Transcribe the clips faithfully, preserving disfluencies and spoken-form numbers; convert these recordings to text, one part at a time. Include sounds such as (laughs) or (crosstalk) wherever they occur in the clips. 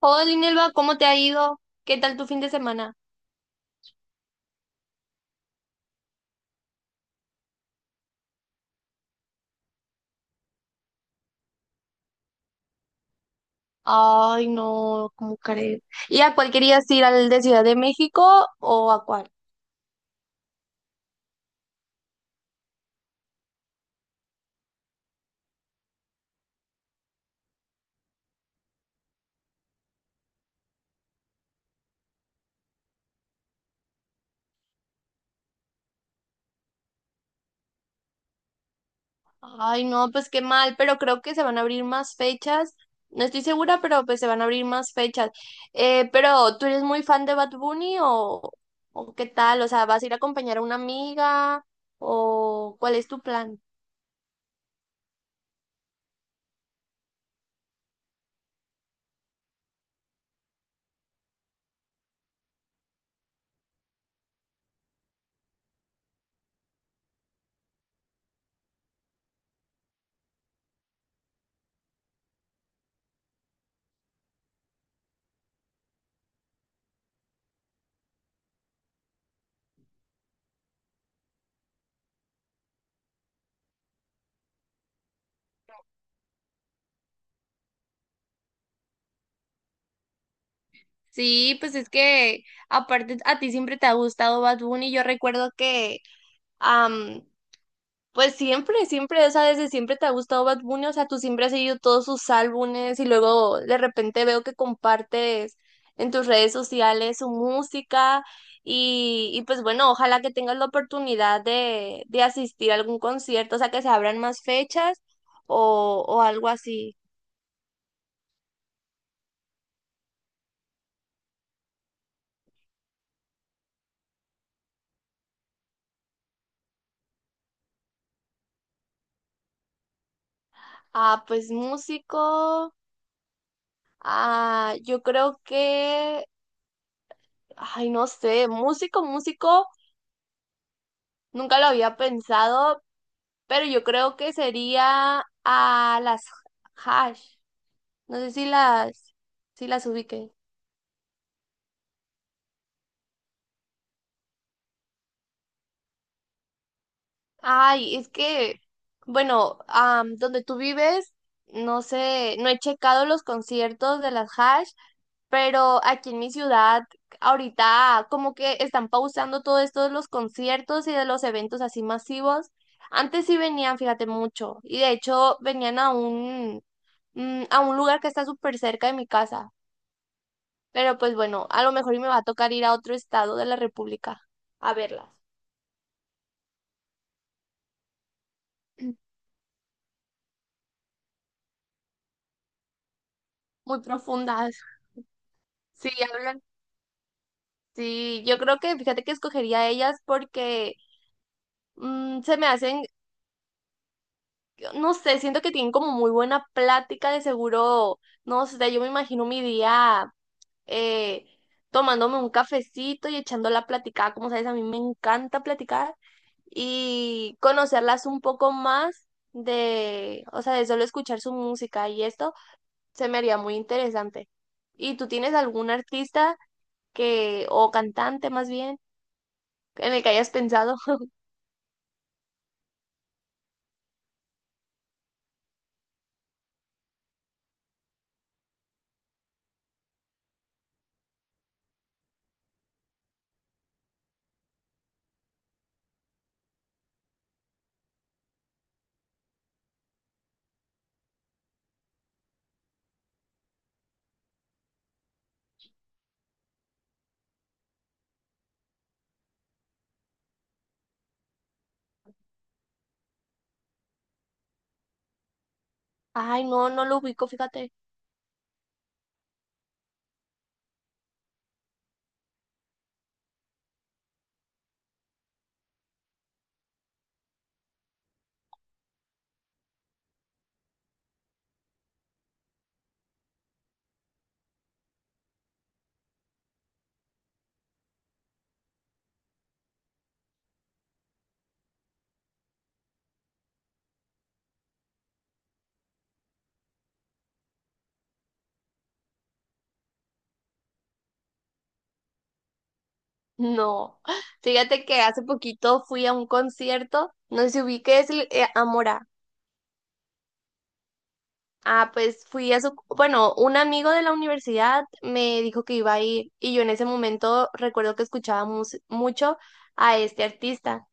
Hola, Linelva, ¿cómo te ha ido? ¿Qué tal tu fin de semana? Ay, no, ¿cómo crees? ¿Y a cuál querías ir? ¿Al de Ciudad de México o a cuál? Ay, no, pues qué mal, pero creo que se van a abrir más fechas. No estoy segura, pero pues se van a abrir más fechas. Eh, pero, ¿tú eres muy fan de Bad Bunny o, o qué tal? O sea, ¿vas a ir a acompañar a una amiga o cuál es tu plan? Sí, pues es que aparte a ti siempre te ha gustado Bad Bunny. Yo recuerdo que... am, pues siempre, siempre, esa desde siempre te ha gustado Bad Bunny, o sea, tú siempre has seguido todos sus álbumes y luego de repente veo que compartes en tus redes sociales su música y, y pues bueno, ojalá que tengas la oportunidad de, de asistir a algún concierto, o sea, que se abran más fechas o, o algo así. Ah, pues músico, ah, yo creo que, ay, no sé, músico, músico. Nunca lo había pensado, pero yo creo que sería a las Hash. No sé si las, si las ubiquen. Ay, es que, bueno, am, donde tú vives, no sé, no he checado los conciertos de las Hash, pero aquí en mi ciudad, ahorita como que están pausando todo esto de los conciertos y de los eventos así masivos. Antes sí venían, fíjate, mucho, y de hecho venían a un, mm, a un lugar que está súper cerca de mi casa. Pero pues bueno, a lo mejor y me va a tocar ir a otro estado de la República a verlas. (clears throat) Muy profundas. Sí, hablan. Sí, yo creo que fíjate que escogería ellas porque mm, se me hacen, no sé, siento que tienen como muy buena plática, de seguro, no sé, yo me imagino mi día eh, tomándome un cafecito y echando la platicada, como sabes, a mí me encanta platicar y conocerlas un poco más de, o sea, de solo escuchar su música y esto se me haría muy interesante. ¿Y tú tienes algún artista que, o cantante más bien, en el que hayas pensado? (laughs) Ay, no, no lo ubico, fíjate. No. Fíjate que hace poquito fui a un concierto, no sé si ubiques el- eh, a Mora. Ah, pues fui a su, bueno, un amigo de la universidad me dijo que iba a ir y yo en ese momento recuerdo que escuchaba mus- mucho a este artista.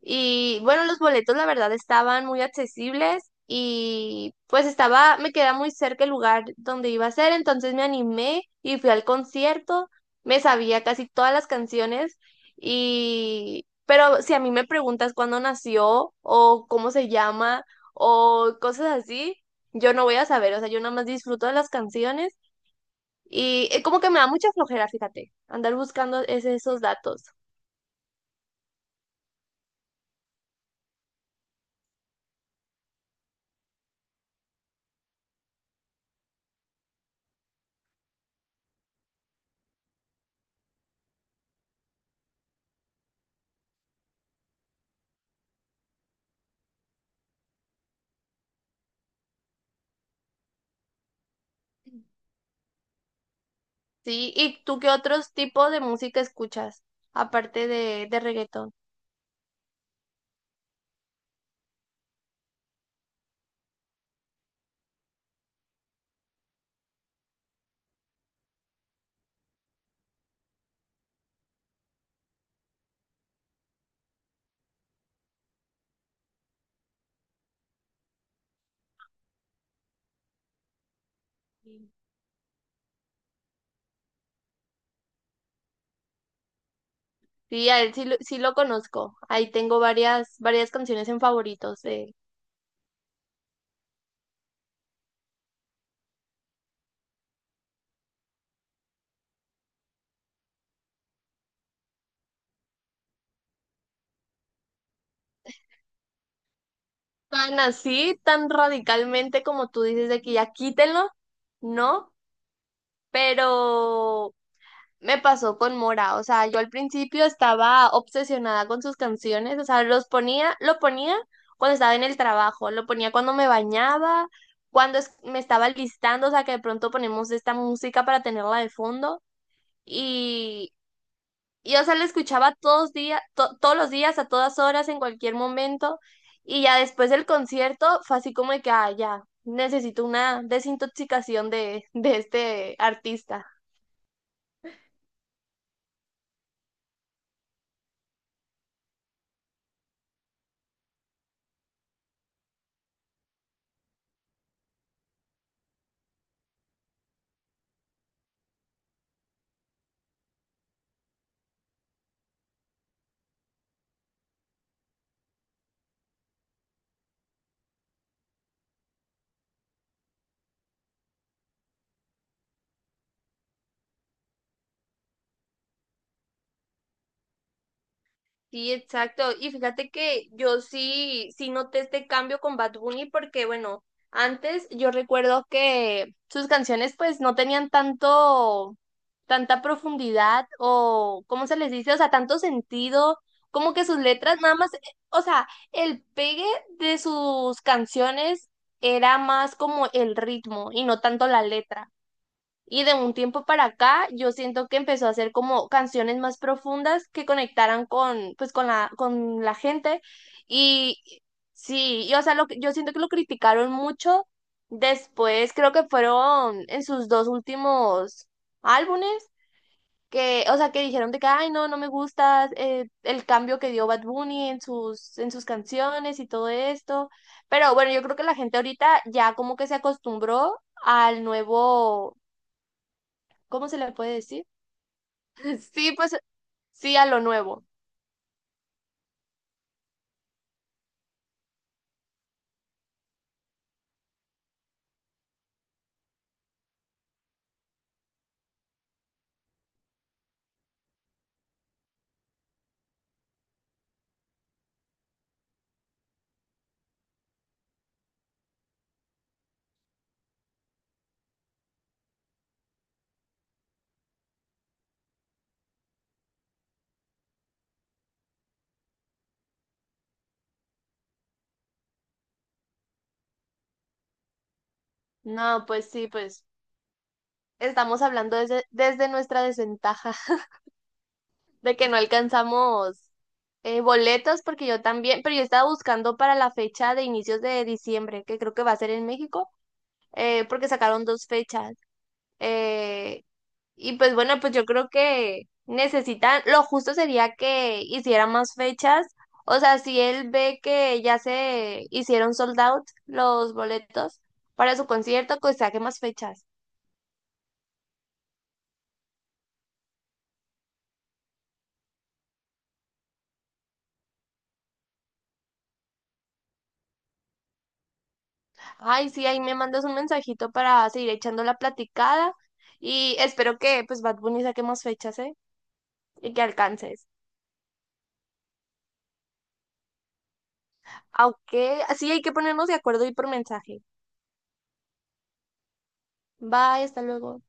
Y bueno, los boletos la verdad estaban muy accesibles y pues estaba, me queda muy cerca el lugar donde iba a ser, entonces me animé y fui al concierto, me sabía casi todas las canciones y, pero si a mí me preguntas cuándo nació o cómo se llama o cosas así, yo no voy a saber, o sea, yo nada más disfruto de las canciones y eh, como que me da mucha flojera, fíjate, andar buscando ese- esos datos. Sí, ¿y tú qué otros tipos de música escuchas, aparte de, de reggaetón? Sí, a él sí, lo- sí lo conozco. Ahí tengo varias, varias canciones en favoritos de él. Tan así, tan radicalmente como tú dices de que ya quítenlo, ¿no? Pero me pasó con Mora, o sea, yo al principio estaba obsesionada con sus canciones, o sea, los ponía, lo ponía cuando estaba en el trabajo, lo ponía cuando me bañaba, cuando es- me estaba listando, o sea, que de pronto ponemos esta música para tenerla de fondo y, y o sea, la escuchaba todos días, todos los días, a todas horas, en cualquier momento y ya después del concierto fue así como de que, ah, ya, necesito una desintoxicación de, de este artista. Sí, exacto. Y fíjate que yo sí, sí noté este cambio con Bad Bunny porque, bueno, antes yo recuerdo que sus canciones pues no tenían tanto, tanta profundidad o, ¿cómo se les dice? O sea, tanto sentido, como que sus letras nada más, eh, o sea, el pegue de sus canciones era más como el ritmo y no tanto la letra. Y de un tiempo para acá, yo siento que empezó a hacer como canciones más profundas que conectaran con, pues, con la, con la gente. Y sí, y, o sea, lo, que- yo siento que lo criticaron mucho. Después, creo que fueron en sus dos últimos álbumes, que, o sea, que dijeron de que, ay, no, no me gusta eh, el cambio que dio Bad Bunny en sus, en sus canciones y todo esto. Pero bueno, yo creo que la gente ahorita ya como que se acostumbró al nuevo. ¿Cómo se le puede decir? Sí, pues sí a lo nuevo. No, pues sí, pues estamos hablando desde, desde nuestra desventaja (laughs) de que no alcanzamos eh, boletos porque yo también, pero yo estaba buscando para la fecha de inicios de diciembre, que creo que va a ser en México, eh, porque sacaron dos fechas. Eh, Y pues bueno, pues yo creo que necesitan, lo justo sería que hicieran más fechas. O sea, si él ve que ya se hicieron sold out los boletos para su concierto, pues saque más fechas. Ay, sí, ahí me mandas un mensajito para seguir echando la platicada. Y espero que pues Bad Bunny saque más fechas, ¿eh? Y que alcances. Aunque sí hay que ponernos de acuerdo y por mensaje. Bye, hasta luego.